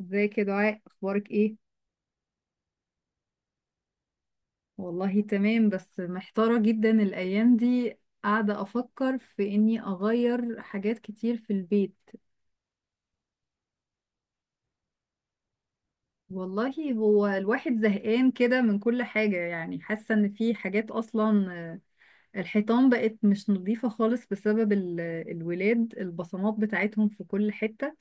ازيك يا دعاء؟ اخبارك ايه؟ والله تمام، بس محتارة جدا الايام دي. قاعدة افكر في اني اغير حاجات كتير في البيت. والله، هو الواحد زهقان كده من كل حاجة، يعني حاسة ان في حاجات اصلا الحيطان بقت مش نظيفة خالص بسبب الولاد، البصمات بتاعتهم في كل حتة.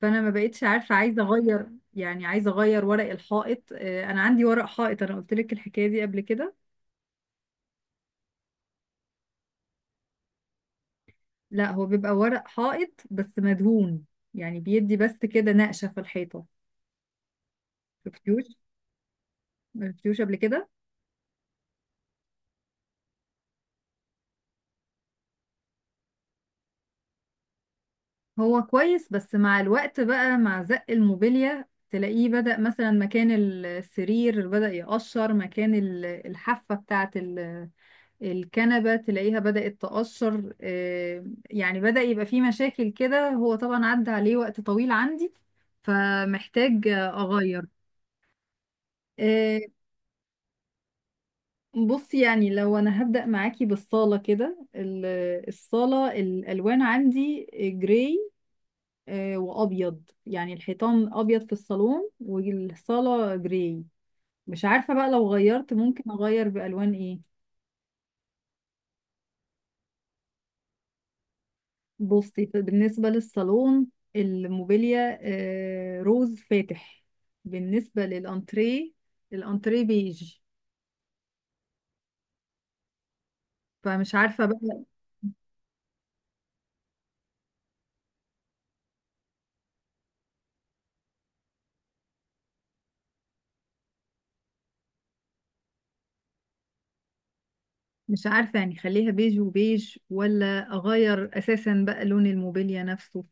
فانا ما بقتش عارفة عايزة اغير. يعني عايزة اغير ورق الحائط. انا عندي ورق حائط، انا قلت لك الحكاية دي قبل كده. لا، هو بيبقى ورق حائط بس مدهون، يعني بيدي بس كده نقشة في الحيطة. شفتوش شفتوش قبل كده؟ هو كويس، بس مع الوقت بقى، مع زق الموبيليا تلاقيه بدأ، مثلا مكان السرير بدأ يقشر، مكان الحافة بتاعة الكنبة تلاقيها بدأت تقشر. يعني بدأ يبقى فيه مشاكل كده. هو طبعا عدى عليه وقت طويل عندي، فمحتاج أغير. آه، بص، يعني لو انا هبدأ معاكي بالصالة كده، الصالة، الالوان عندي جراي وابيض، يعني الحيطان ابيض في الصالون والصالة جراي. مش عارفة بقى لو غيرت ممكن اغير بالوان ايه؟ بصي، بالنسبة للصالون، الموبيليا روز فاتح. بالنسبة للانتريه، الانتريه بيج. فمش عارفة بقى. مش عارفة يعني، خليها بيج وبيج ولا اغير اساسا بقى لون الموبيليا نفسه؟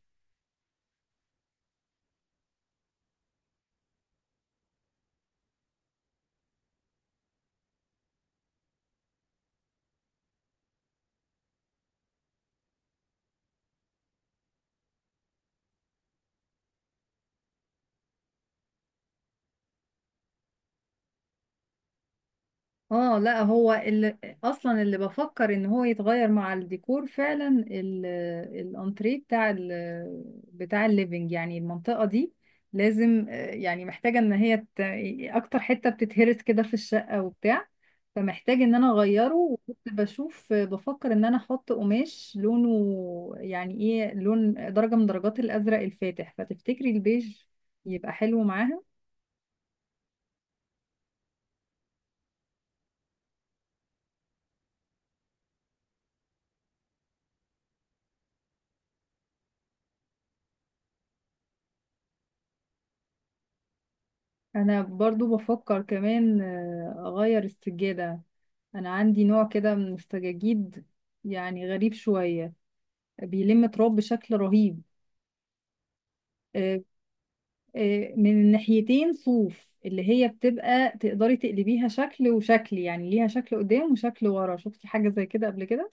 اه، لا، هو اللي اصلا اللي بفكر ان هو يتغير مع الديكور فعلا، الانتريه بتاع الليفينج يعني، المنطقة دي لازم يعني، محتاجة ان هي اكتر حتة بتتهرس كده في الشقة وبتاع. فمحتاج ان انا اغيره، وكنت بشوف بفكر ان انا احط قماش لونه، يعني ايه، لون درجة من درجات الازرق الفاتح. فتفتكري البيج يبقى حلو معاها؟ انا برضو بفكر كمان اغير السجادة. انا عندي نوع كده من السجاجيد، يعني غريب شوية، بيلم تراب بشكل رهيب. آه، من الناحيتين صوف، اللي هي بتبقى تقدري تقلبيها شكل وشكل، يعني ليها شكل قدام وشكل ورا. شفتي حاجة زي كده قبل كده؟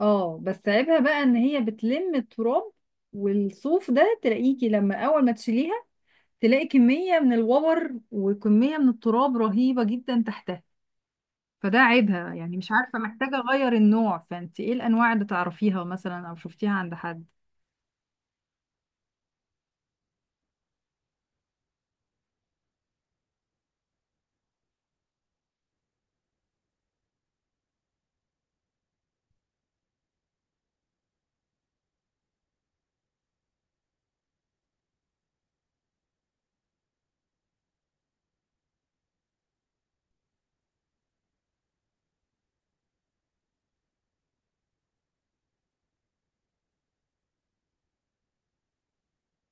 اه، بس عيبها بقى ان هي بتلم التراب، والصوف ده تلاقيكي لما اول ما تشيليها، تلاقي كمية من الوبر وكمية من التراب رهيبة جدا تحتها. فده عيبها يعني. مش عارفة، محتاجة أغير النوع. فأنت إيه الأنواع اللي تعرفيها مثلا أو شفتيها عند حد؟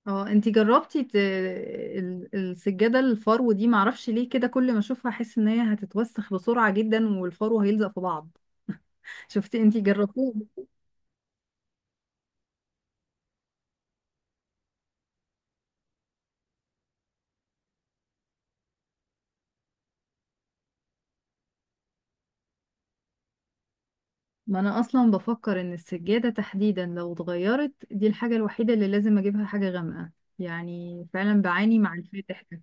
اه، انتي جربتي السجادة الفرو دي؟ معرفش ليه كده كل ما اشوفها احس ان هي هتتوسخ بسرعة جدا، والفرو هيلزق في بعض. شفتي، انتي جربتيها؟ ما انا اصلا بفكر ان السجادة تحديدا لو اتغيرت، دي الحاجة الوحيدة اللي لازم اجيبها حاجة غامقة. يعني فعلا بعاني مع الفاتح ده.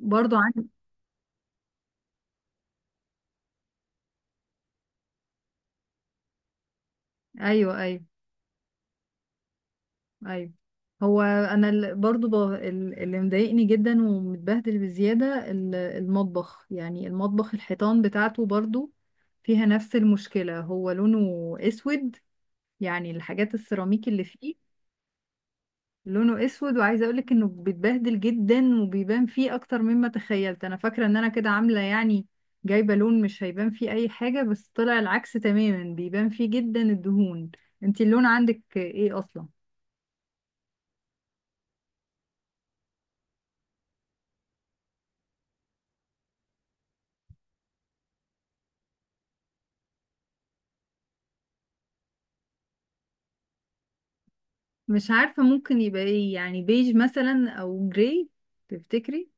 برضو عندي. ايوه، ايوه، ايوه. هو انا برضو اللي مضايقني جدا ومتبهدل بزياده المطبخ، يعني المطبخ الحيطان بتاعته برضو فيها نفس المشكله. هو لونه اسود، يعني الحاجات السيراميك اللي فيه لونه اسود، وعايزه اقولك انه بيتبهدل جدا وبيبان فيه اكتر مما تخيلت. انا فاكره ان انا كده عامله يعني، جايبه لون مش هيبان فيه اي حاجه، بس طلع العكس تماما، بيبان فيه جدا الدهون. انتي اللون عندك ايه اصلا؟ مش عارفة ممكن يبقى ايه، يعني بيج مثلا او جراي. تفتكري؟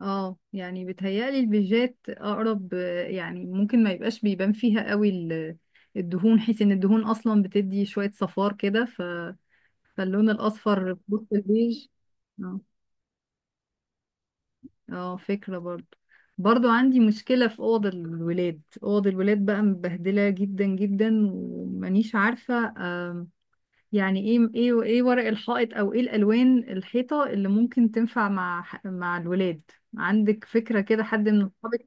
اه، يعني بتهيألي البيجات اقرب يعني ممكن ما يبقاش بيبان فيها قوي الدهون، حيث ان الدهون اصلا بتدي شوية صفار كده فاللون الاصفر في وسط البيج. اه، اه، فكرة برضو. برضو عندي مشكلة في أوض الولاد بقى، مبهدلة جدا جدا، ومانيش عارفة يعني ايه ورق الحائط او ايه الالوان الحيطه اللي ممكن تنفع مع مع الولاد. عندك فكره كده، حد من اصحابك؟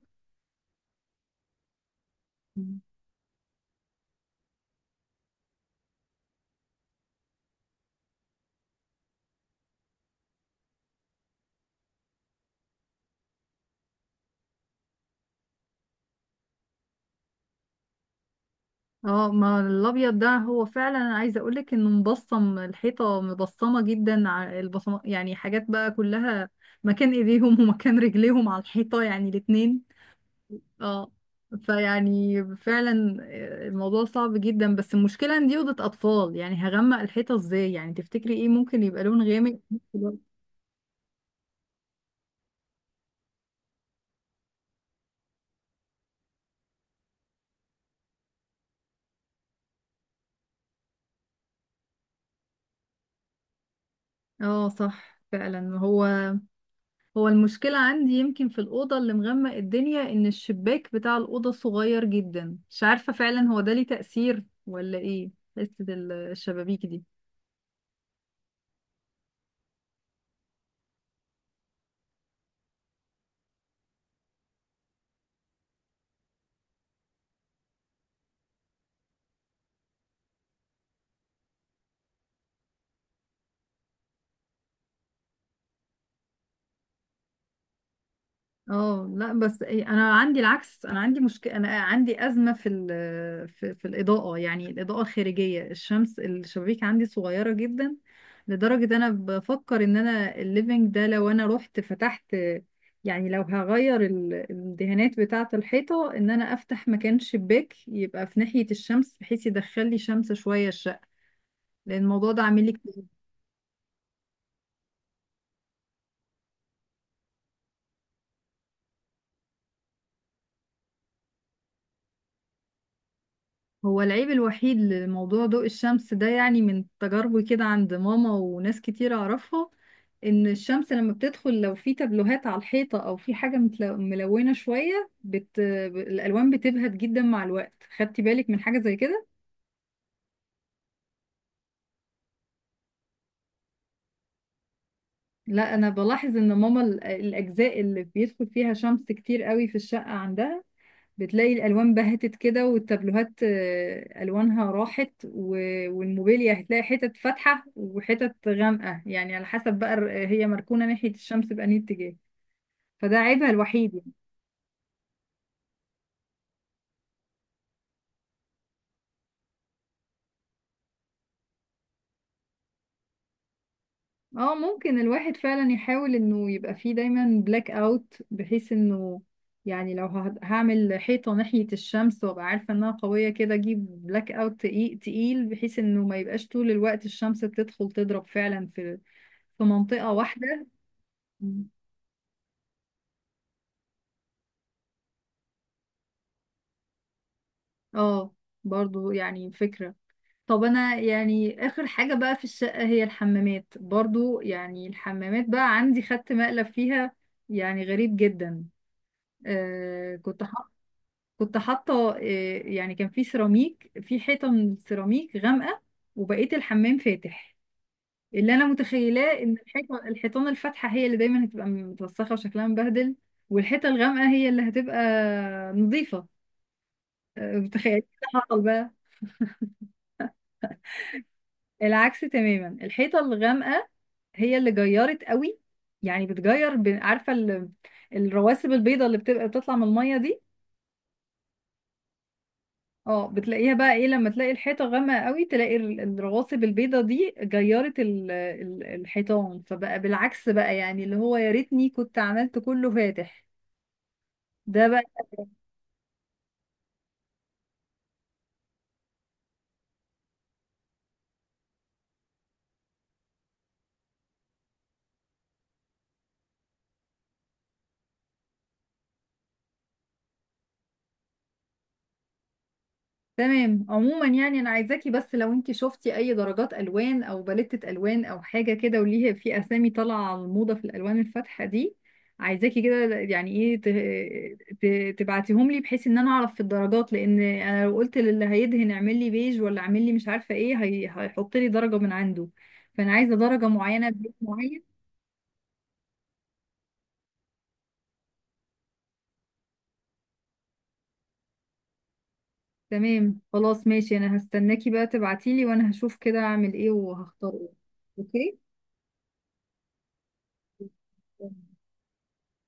اه، ما الابيض ده هو فعلا، انا عايزه اقولك انه مبصم. الحيطه مبصمه جدا، البصمه يعني حاجات بقى كلها مكان ايديهم ومكان رجليهم على الحيطه، يعني الاتنين. اه. فيعني فعلا الموضوع صعب جدا، بس المشكله ان دي اوضه اطفال، يعني هغمق الحيطه ازاي يعني؟ تفتكري ايه ممكن يبقى لون غامق؟ اه، صح فعلا. هو هو المشكلة عندي يمكن في الأوضة اللي مغمق الدنيا، إن الشباك بتاع الأوضة صغير جدا. مش عارفة فعلا هو ده ليه تأثير ولا إيه، حتة الشبابيك دي؟ اه، لا بس إيه، انا عندي العكس، انا عندي مشكله، انا عندي ازمه في الاضاءه، يعني الاضاءه الخارجيه الشمس. الشبابيك عندي صغيره جدا، لدرجه انا بفكر ان انا الليفينج ده لو انا رحت فتحت، يعني لو هغير الدهانات بتاعه الحيطه، ان انا افتح مكان شباك يبقى في ناحيه الشمس، بحيث يدخل لي شمس شويه الشقه، لان الموضوع ده عامل لي. هو العيب الوحيد لموضوع ضوء الشمس ده، يعني من تجاربي كده عند ماما وناس كتير أعرفها، إن الشمس لما بتدخل، لو في تابلوهات على الحيطة أو في حاجة ملونة شوية الألوان بتبهت جدا مع الوقت. خدتي بالك من حاجة زي كده؟ لا، أنا بلاحظ إن ماما، الأجزاء اللي بيدخل فيها شمس كتير قوي في الشقة عندها، بتلاقي الالوان بهتت كده، والتابلوهات الوانها راحت، والموبيليا هتلاقي حتت فاتحه وحتت غامقه، يعني على حسب بقى هي مركونه ناحيه الشمس بأنهي اتجاه. فده عيبها الوحيد يعني. اه، ممكن الواحد فعلا يحاول انه يبقى فيه دايما بلاك اوت، بحيث انه، يعني لو هعمل حيطه ناحيه الشمس وابقى عارفه انها قويه كده، اجيب بلاك اوت تقيل تقيل، بحيث انه ما يبقاش طول الوقت الشمس بتدخل تضرب فعلا في في منطقه واحده. اه، برضو يعني فكرة. طب انا يعني اخر حاجة بقى في الشقة هي الحمامات. برضو يعني الحمامات بقى عندي خدت مقلب فيها، يعني غريب جدا. آه كنت حط كنت حاطة يعني كان في سيراميك، في حيطة من السيراميك غامقة، وبقيت الحمام فاتح. اللي انا متخيلاه ان الحيطان الفاتحة هي اللي دايما هتبقى متوسخة وشكلها مبهدل، والحيطة الغامقة هي اللي هتبقى نظيفة. متخيل إيه اللي حصل بقى؟ العكس تماما. الحيطة الغامقة هي اللي جيرت قوي، يعني بتجير، عارفة الرواسب البيضة اللي بتبقى بتطلع من المية دي. اه، بتلاقيها بقى ايه، لما تلاقي الحيطة غامقة قوي، تلاقي الرواسب البيضة دي جيرت الحيطان. فبقى بالعكس بقى يعني، اللي هو يا ريتني كنت عملت كله فاتح ده بقى. تمام. عموما يعني انا عايزاكي، بس لو انت شفتي اي درجات الوان او باليتة الوان او حاجه كده وليها في اسامي طالعه على الموضه في الالوان الفاتحه دي، عايزاكي كده يعني ايه، تبعتيهم لي، بحيث ان انا اعرف في الدرجات. لان انا لو قلت للي هيدهن اعمل لي بيج ولا اعمل لي مش عارفه ايه، هيحط لي درجه من عنده. فانا عايزه درجه معينه، بيج معين. تمام خلاص، ماشي. انا هستناكي بقى تبعتيلي، وانا هشوف كده اعمل ايه وهختار ايه. اوكي.